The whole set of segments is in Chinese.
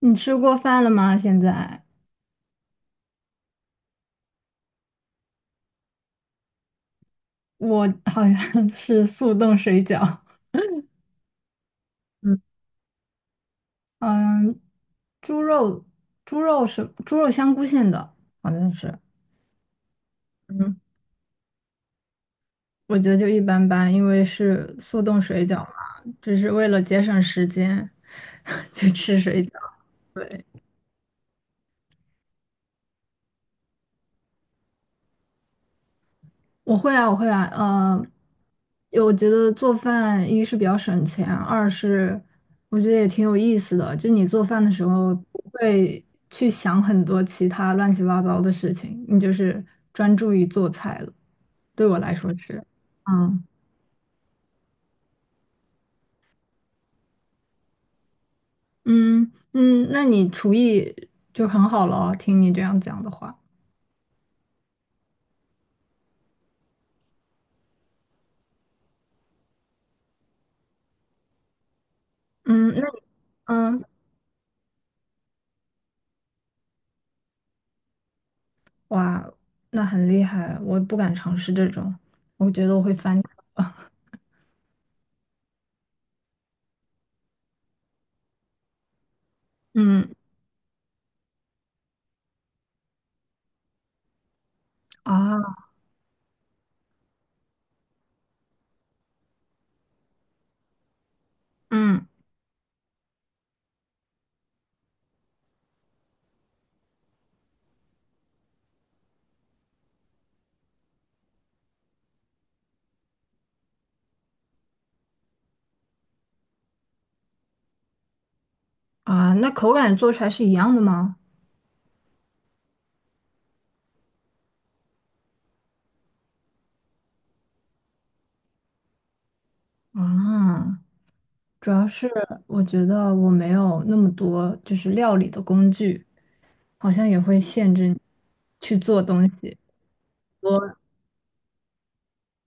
你吃过饭了吗？现在我好像是速冻水饺。 嗯，嗯，猪肉。猪肉是香菇馅的，好像是。嗯，我觉得就一般般，因为是速冻水饺嘛，只是为了节省时间。 就吃水饺。对。我会啊，我觉得做饭一是比较省钱，二是我觉得也挺有意思的。就你做饭的时候不会去想很多其他乱七八糟的事情，你就是专注于做菜了。对我来说是。嗯嗯，那你厨艺就很好了哦，听你这样讲的话。嗯，那你嗯，哇，那很厉害，我不敢尝试这种，我觉得我会翻车。嗯。啊。嗯。啊，那口感做出来是一样的吗？啊，主要是我觉得我没有那么多就是料理的工具，好像也会限制你去做东西。我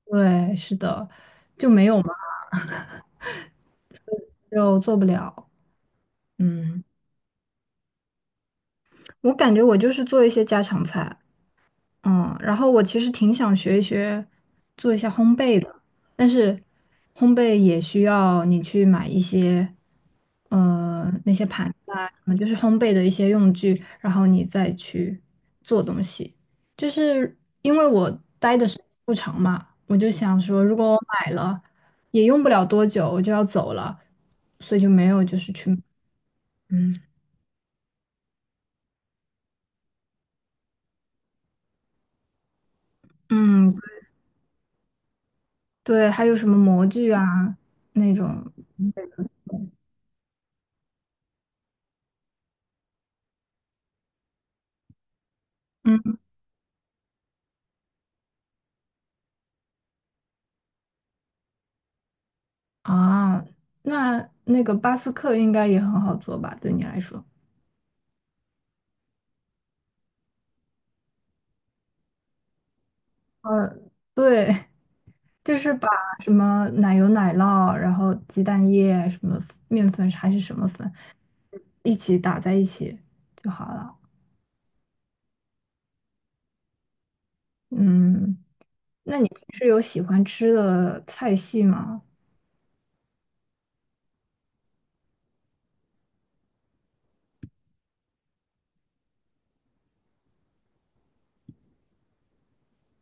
对，是的，就没有嘛，就做不了。嗯，我感觉我就是做一些家常菜。嗯，然后我其实挺想学一学，做一下烘焙的，但是烘焙也需要你去买一些，那些盘子啊，什么就是烘焙的一些用具，然后你再去做东西。就是因为我待的时间不长嘛，我就想说，如果我买了，也用不了多久，我就要走了，所以就没有就是去。嗯。嗯，对，还有什么模具啊那种。嗯。啊，那那个巴斯克应该也很好做吧？对你来说，呃，对，就是把什么奶油、奶酪，然后鸡蛋液、什么面粉还是什么粉，一起打在一起就好了。嗯，那你平时有喜欢吃的菜系吗？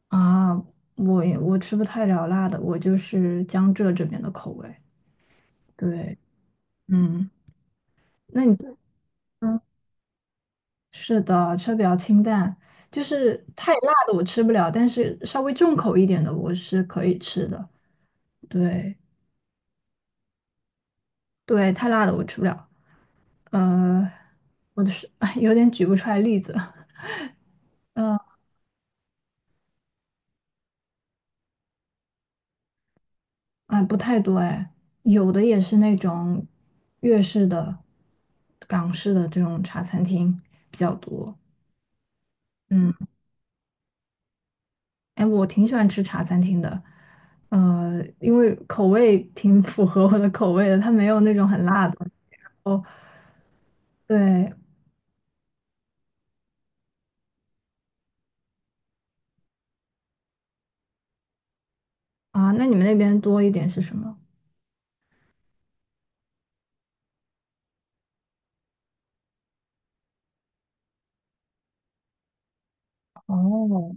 啊，我吃不太了辣的，我就是江浙这边的口味。对。嗯，那你，嗯，是的，吃的比较清淡，就是太辣的我吃不了，但是稍微重口一点的我是可以吃的。对对，太辣的我吃不了。呃，我的是 有点举不出来例子了。嗯、啊，不太多哎，有的也是那种粤式的、港式的这种茶餐厅比较多。嗯，哎，我挺喜欢吃茶餐厅的，因为口味挺符合我的口味的，它没有那种很辣的。哦，对，啊，那你们那边多一点是什么？哦。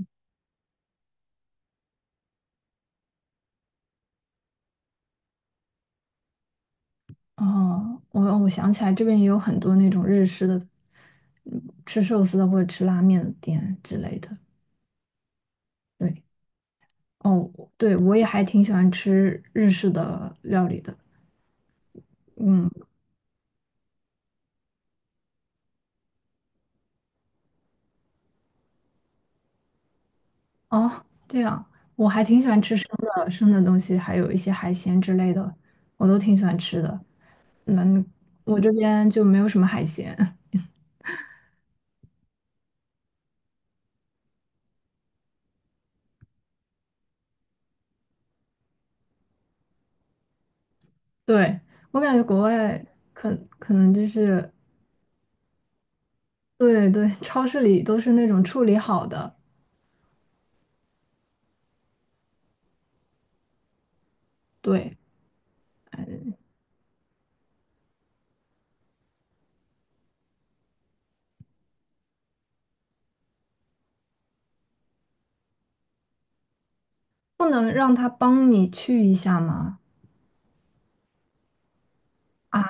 哦，我想起来，这边也有很多那种日式的，嗯，吃寿司的或者吃拉面的店之类的。对。哦，对，我也还挺喜欢吃日式的料理的。嗯。哦，这样，我还挺喜欢吃生的东西，还有一些海鲜之类的，我都挺喜欢吃的。嗯，我这边就没有什么海鲜。对，我感觉国外可能就是。对对，超市里都是那种处理好的。对，不能让他帮你去一下吗？啊，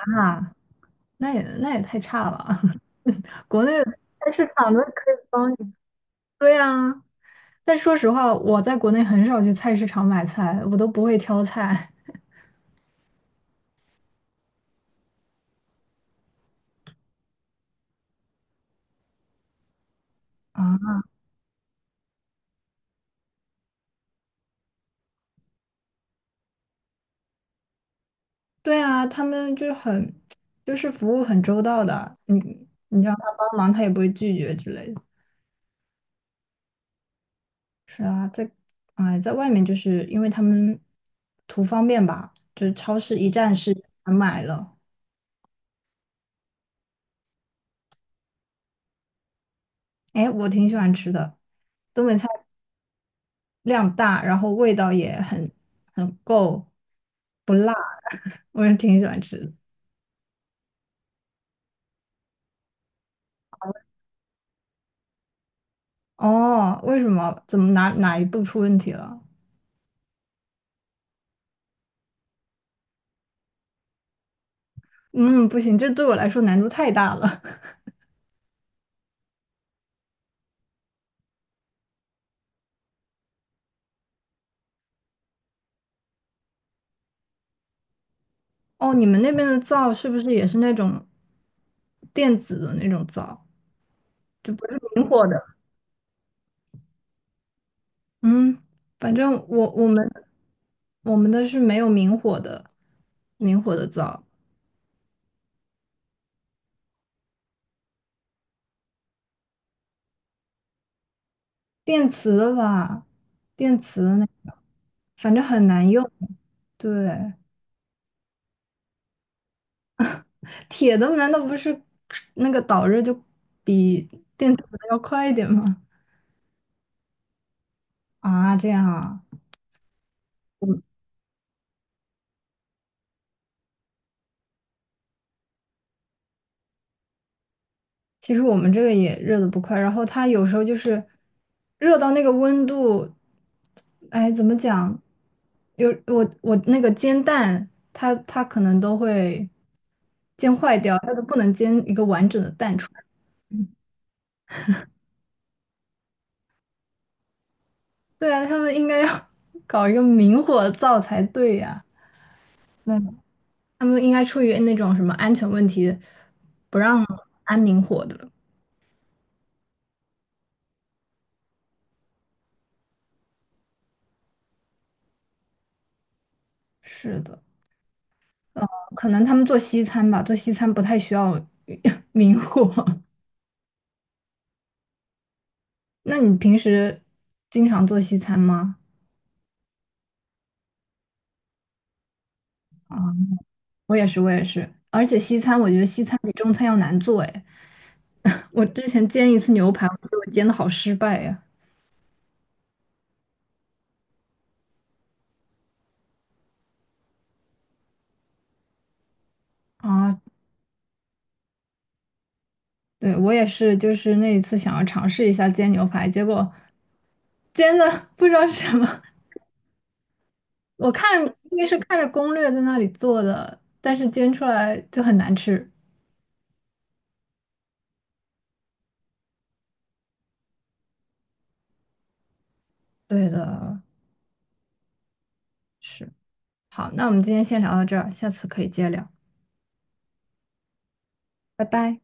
那也太差了。国内的菜市场都可以帮你。对呀，但说实话，我在国内很少去菜市场买菜，我都不会挑菜。啊，对啊，他们就很，就是服务很周到的，你让他帮忙，他也不会拒绝之类的。是啊，在啊、哎，在外面就是因为他们图方便吧，就是超市一站式全买了。哎，我挺喜欢吃的，东北菜量大，然后味道也很很够，不辣。我也挺喜欢吃的。哦，为什么？怎么哪一步出问题了？嗯，不行，这对我来说难度太大了。哦，你们那边的灶是不是也是那种电子的那种灶，就不是明火的？嗯，反正我们我们的是没有明火的，明火的灶，电磁的吧，电磁的那个，反正很难用。对，铁的难道不是那个导热就比电磁的要快一点吗？啊，这样啊，其实我们这个也热的不快，然后它有时候就是热到那个温度，哎，怎么讲？有我那个煎蛋，它可能都会煎坏掉，它都不能煎一个完整的蛋出来。对啊，他们应该要 搞一个明火灶才对呀、那他们应该出于那种什么安全问题，不让安明火的。是的，可能他们做西餐吧，做西餐不太需要 明火。那你平时经常做西餐吗？啊，我也是，我也是。而且西餐，我觉得西餐比中餐要难做哎。我之前煎一次牛排，我觉得我煎的好失败呀。啊，对，我也是，就是那一次想要尝试一下煎牛排，结果煎的不知道是什么。我看，因为是看着攻略在那里做的，但是煎出来就很难吃。对的，是。好，那我们今天先聊到这儿，下次可以接着聊，拜拜。